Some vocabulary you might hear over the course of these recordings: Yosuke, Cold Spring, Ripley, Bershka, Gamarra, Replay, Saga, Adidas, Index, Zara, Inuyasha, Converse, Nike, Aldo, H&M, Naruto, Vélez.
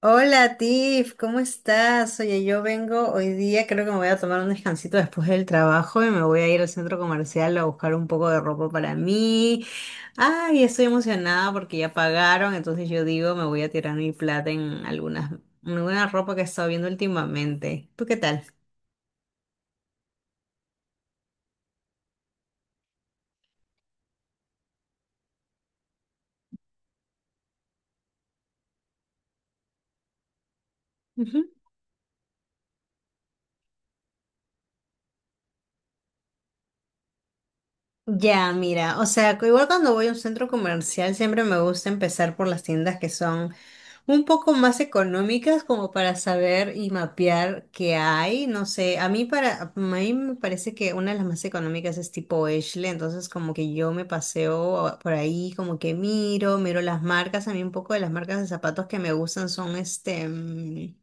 Hola Tiff, ¿cómo estás? Oye, yo vengo hoy día, creo que me voy a tomar un descansito después del trabajo y me voy a ir al centro comercial a buscar un poco de ropa para mí. Ay, estoy emocionada porque ya pagaron, entonces yo digo, me voy a tirar mi plata en alguna ropa que he estado viendo últimamente. ¿Tú qué tal? Ya, mira, o sea, que igual cuando voy a un centro comercial siempre me gusta empezar por las tiendas que son un poco más económicas como para saber y mapear qué hay, no sé, a mí me parece que una de las más económicas es tipo Ashley, entonces como que yo me paseo por ahí, como que miro las marcas, a mí un poco de las marcas de zapatos que me gustan son este mm,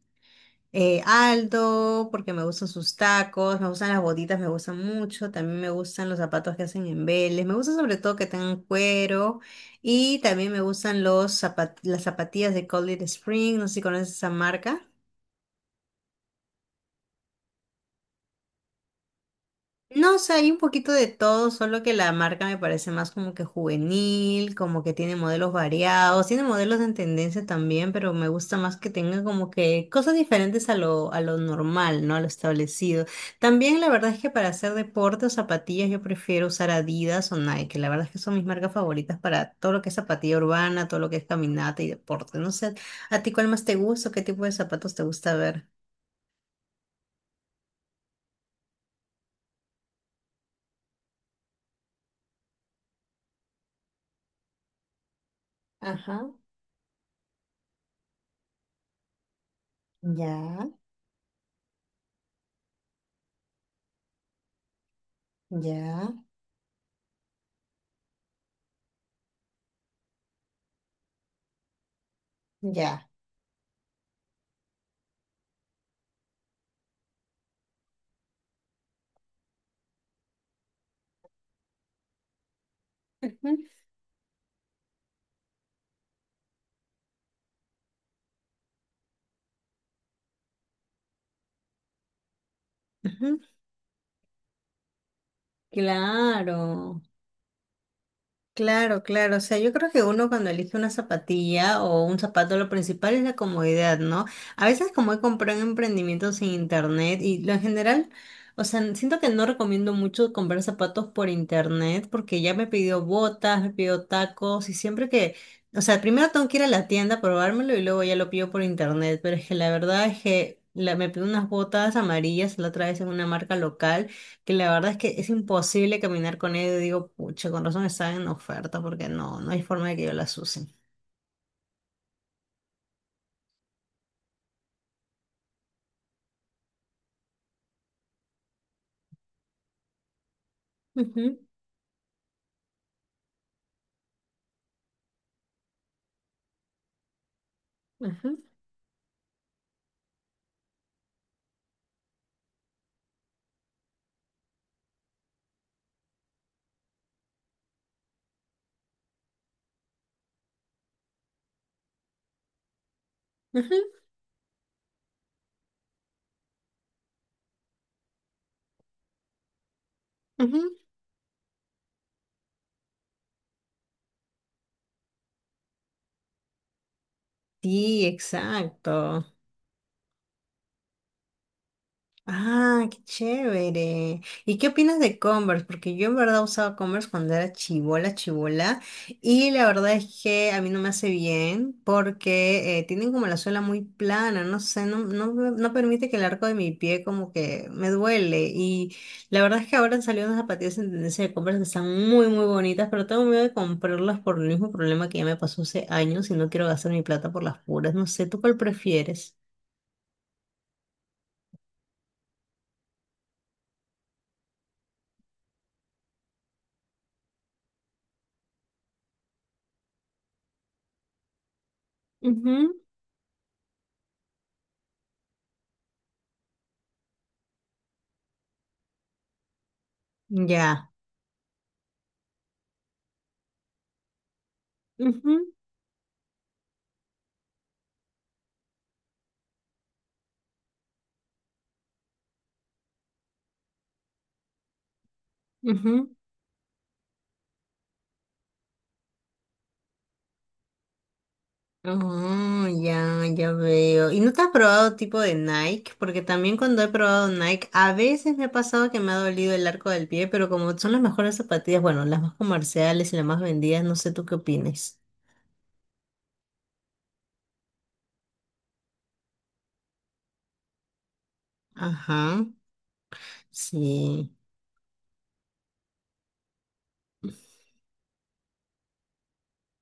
eh, Aldo, porque me gustan sus tacos, me gustan las botitas, me gustan mucho, también me gustan los zapatos que hacen en Vélez, me gusta sobre todo que tengan cuero y también me gustan los zapat- las zapatillas de Cold Spring, no sé si conoces esa marca. No, o sea, hay un poquito de todo, solo que la marca me parece más como que juvenil, como que tiene modelos variados, tiene modelos en tendencia también, pero me gusta más que tenga como que cosas diferentes a lo normal, ¿no? A lo establecido. También la verdad es que para hacer deporte o zapatillas yo prefiero usar Adidas o Nike, la verdad es que son mis marcas favoritas para todo lo que es zapatilla urbana, todo lo que es caminata y deporte. No sé, ¿a ti cuál más te gusta o qué tipo de zapatos te gusta ver? Ajá, ya, ya, ya. Ujú. Claro, claro, claro. O sea, yo creo que uno cuando elige una zapatilla o un zapato, lo principal es la comodidad, ¿no? A veces como he comprado en emprendimientos en internet y lo en general, o sea, siento que no recomiendo mucho comprar zapatos por internet porque ya me pidió botas, me pidió tacos y siempre que, o sea, primero tengo que ir a la tienda a probármelo y luego ya lo pido por internet. Pero es que la verdad es que me pidió unas botas amarillas la otra vez en una marca local. Que la verdad es que es imposible caminar con ellos. Y digo, pucha, con razón están en oferta porque no, no hay forma de que yo las use. Ujú, ujú, ujú, ujú. Sí, exacto. Ah, qué chévere. ¿Y qué opinas de Converse? Porque yo en verdad usaba Converse cuando era chibola, chibola. Y la verdad es que a mí no me hace bien porque tienen como la suela muy plana, no sé, no, no, no permite que el arco de mi pie como que me duele. Y la verdad es que ahora han salido unas zapatillas en tendencia de Converse que están muy, muy bonitas, pero tengo miedo de comprarlas por el mismo problema que ya me pasó hace años y no quiero gastar mi plata por las puras. No sé, ¿tú cuál prefieres? Ujú. Ya. Ujú. Ujú. Oh, ya, ya veo. ¿Y no te has probado tipo de Nike? Porque también cuando he probado Nike, a veces me ha pasado que me ha dolido el arco del pie, pero como son las mejores zapatillas, bueno, las más comerciales y las más vendidas, no sé tú qué opines. Ajá, sí.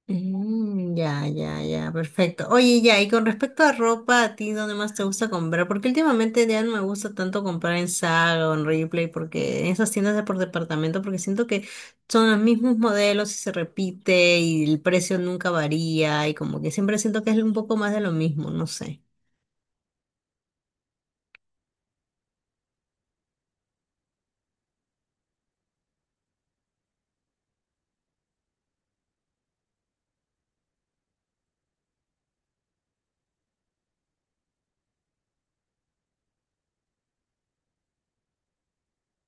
Mm, ya, ya, ya, perfecto. Oye, ya, y con respecto a ropa, ¿a ti dónde más te gusta comprar? Porque últimamente ya no me gusta tanto comprar en Saga o en Replay, porque en esas tiendas de por departamento, porque siento que son los mismos modelos y se repite y el precio nunca varía y como que siempre siento que es un poco más de lo mismo, no sé.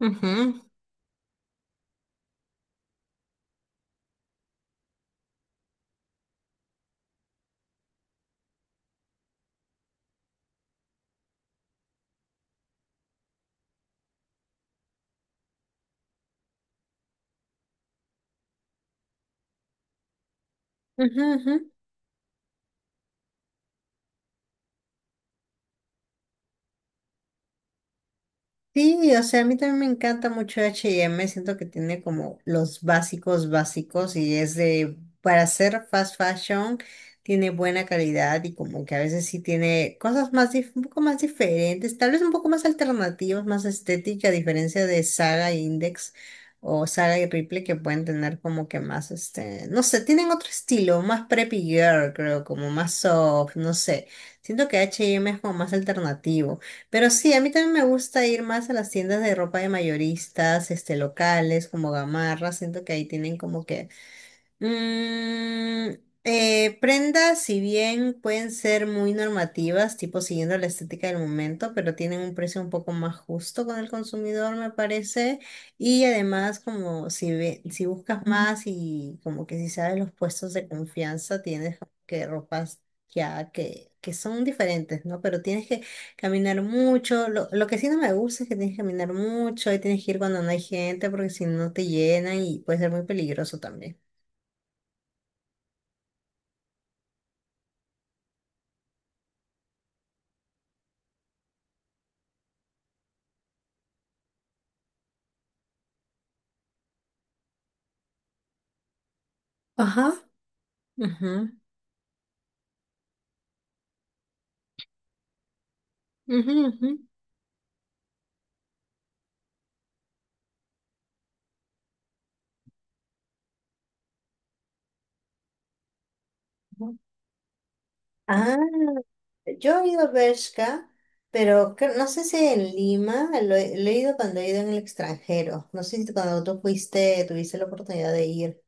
Ujú. Ujú, ujú. Sí, o sea, a mí también me encanta mucho H&M, siento que tiene como los básicos básicos y es de, para hacer fast fashion, tiene buena calidad y como que a veces sí tiene cosas más, un poco más diferentes, tal vez un poco más alternativas, más estética, a diferencia de Saga e Index o Saga y Ripley que pueden tener como que más, este, no sé, tienen otro estilo, más preppy girl, creo, como más soft, no sé, siento que H&M es como más alternativo. Pero sí, a mí también me gusta ir más a las tiendas de ropa de mayoristas, este, locales, como Gamarra. Siento que ahí tienen como que Mm, prendas, si bien pueden ser muy normativas, tipo siguiendo la estética del momento, pero tienen un precio un poco más justo con el consumidor, me parece. Y además, como si buscas más y como que si sabes los puestos de confianza, tienes como que ropas ya que son diferentes, ¿no? Pero tienes que caminar mucho. Lo que sí no me gusta es que tienes que caminar mucho y tienes que ir cuando no hay gente, porque si no te llenan y puede ser muy peligroso también. Ajá, ujú, ujú, ujú, ujú. Ah, yo he ido a Bershka, pero no sé si en Lima, lo he ido cuando he ido en el extranjero. No sé si cuando tú fuiste tuviste la oportunidad de ir.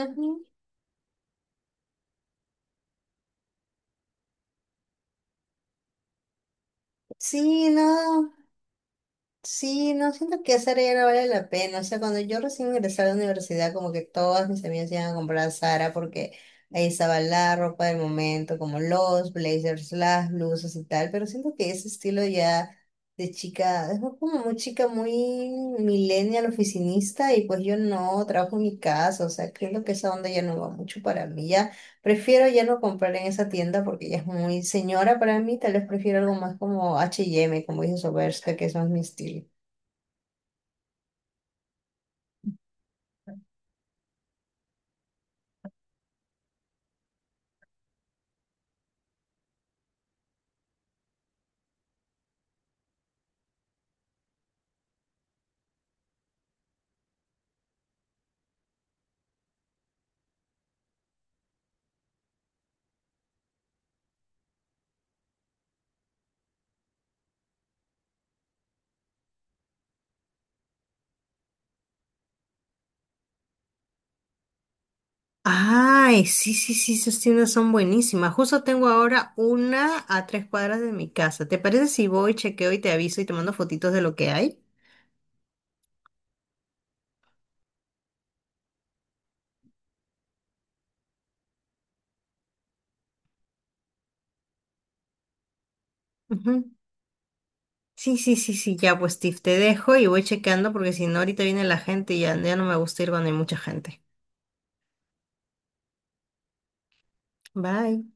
Ujú. Sí, no. Sí, no siento que Sara ya no vale la pena. O sea, cuando yo recién ingresé a la universidad, como que todas mis amigas iban a comprar a Zara porque ahí estaba la ropa del momento, como los blazers, las blusas y tal. Pero siento que ese estilo ya de chica, es como muy chica, muy millennial, oficinista, y pues yo no trabajo en mi casa. O sea, creo que esa onda ya no va mucho para mí. Ya prefiero ya no comprar en esa tienda porque ya es muy señora para mí. Tal vez prefiero algo más como H&M, como dice Soberska, que es más mi estilo. Ay, sí, sí, sí, esas tiendas son buenísimas. Justo tengo ahora una a 3 cuadras de mi casa. ¿Te parece si voy, chequeo y te aviso y te mando fotitos de lo que hay? Ujú. Sí, sí, sí, sí, ya pues Steve, te dejo y voy chequeando porque si no ahorita viene la gente y ya, ya no me gusta ir cuando hay mucha gente. Bye.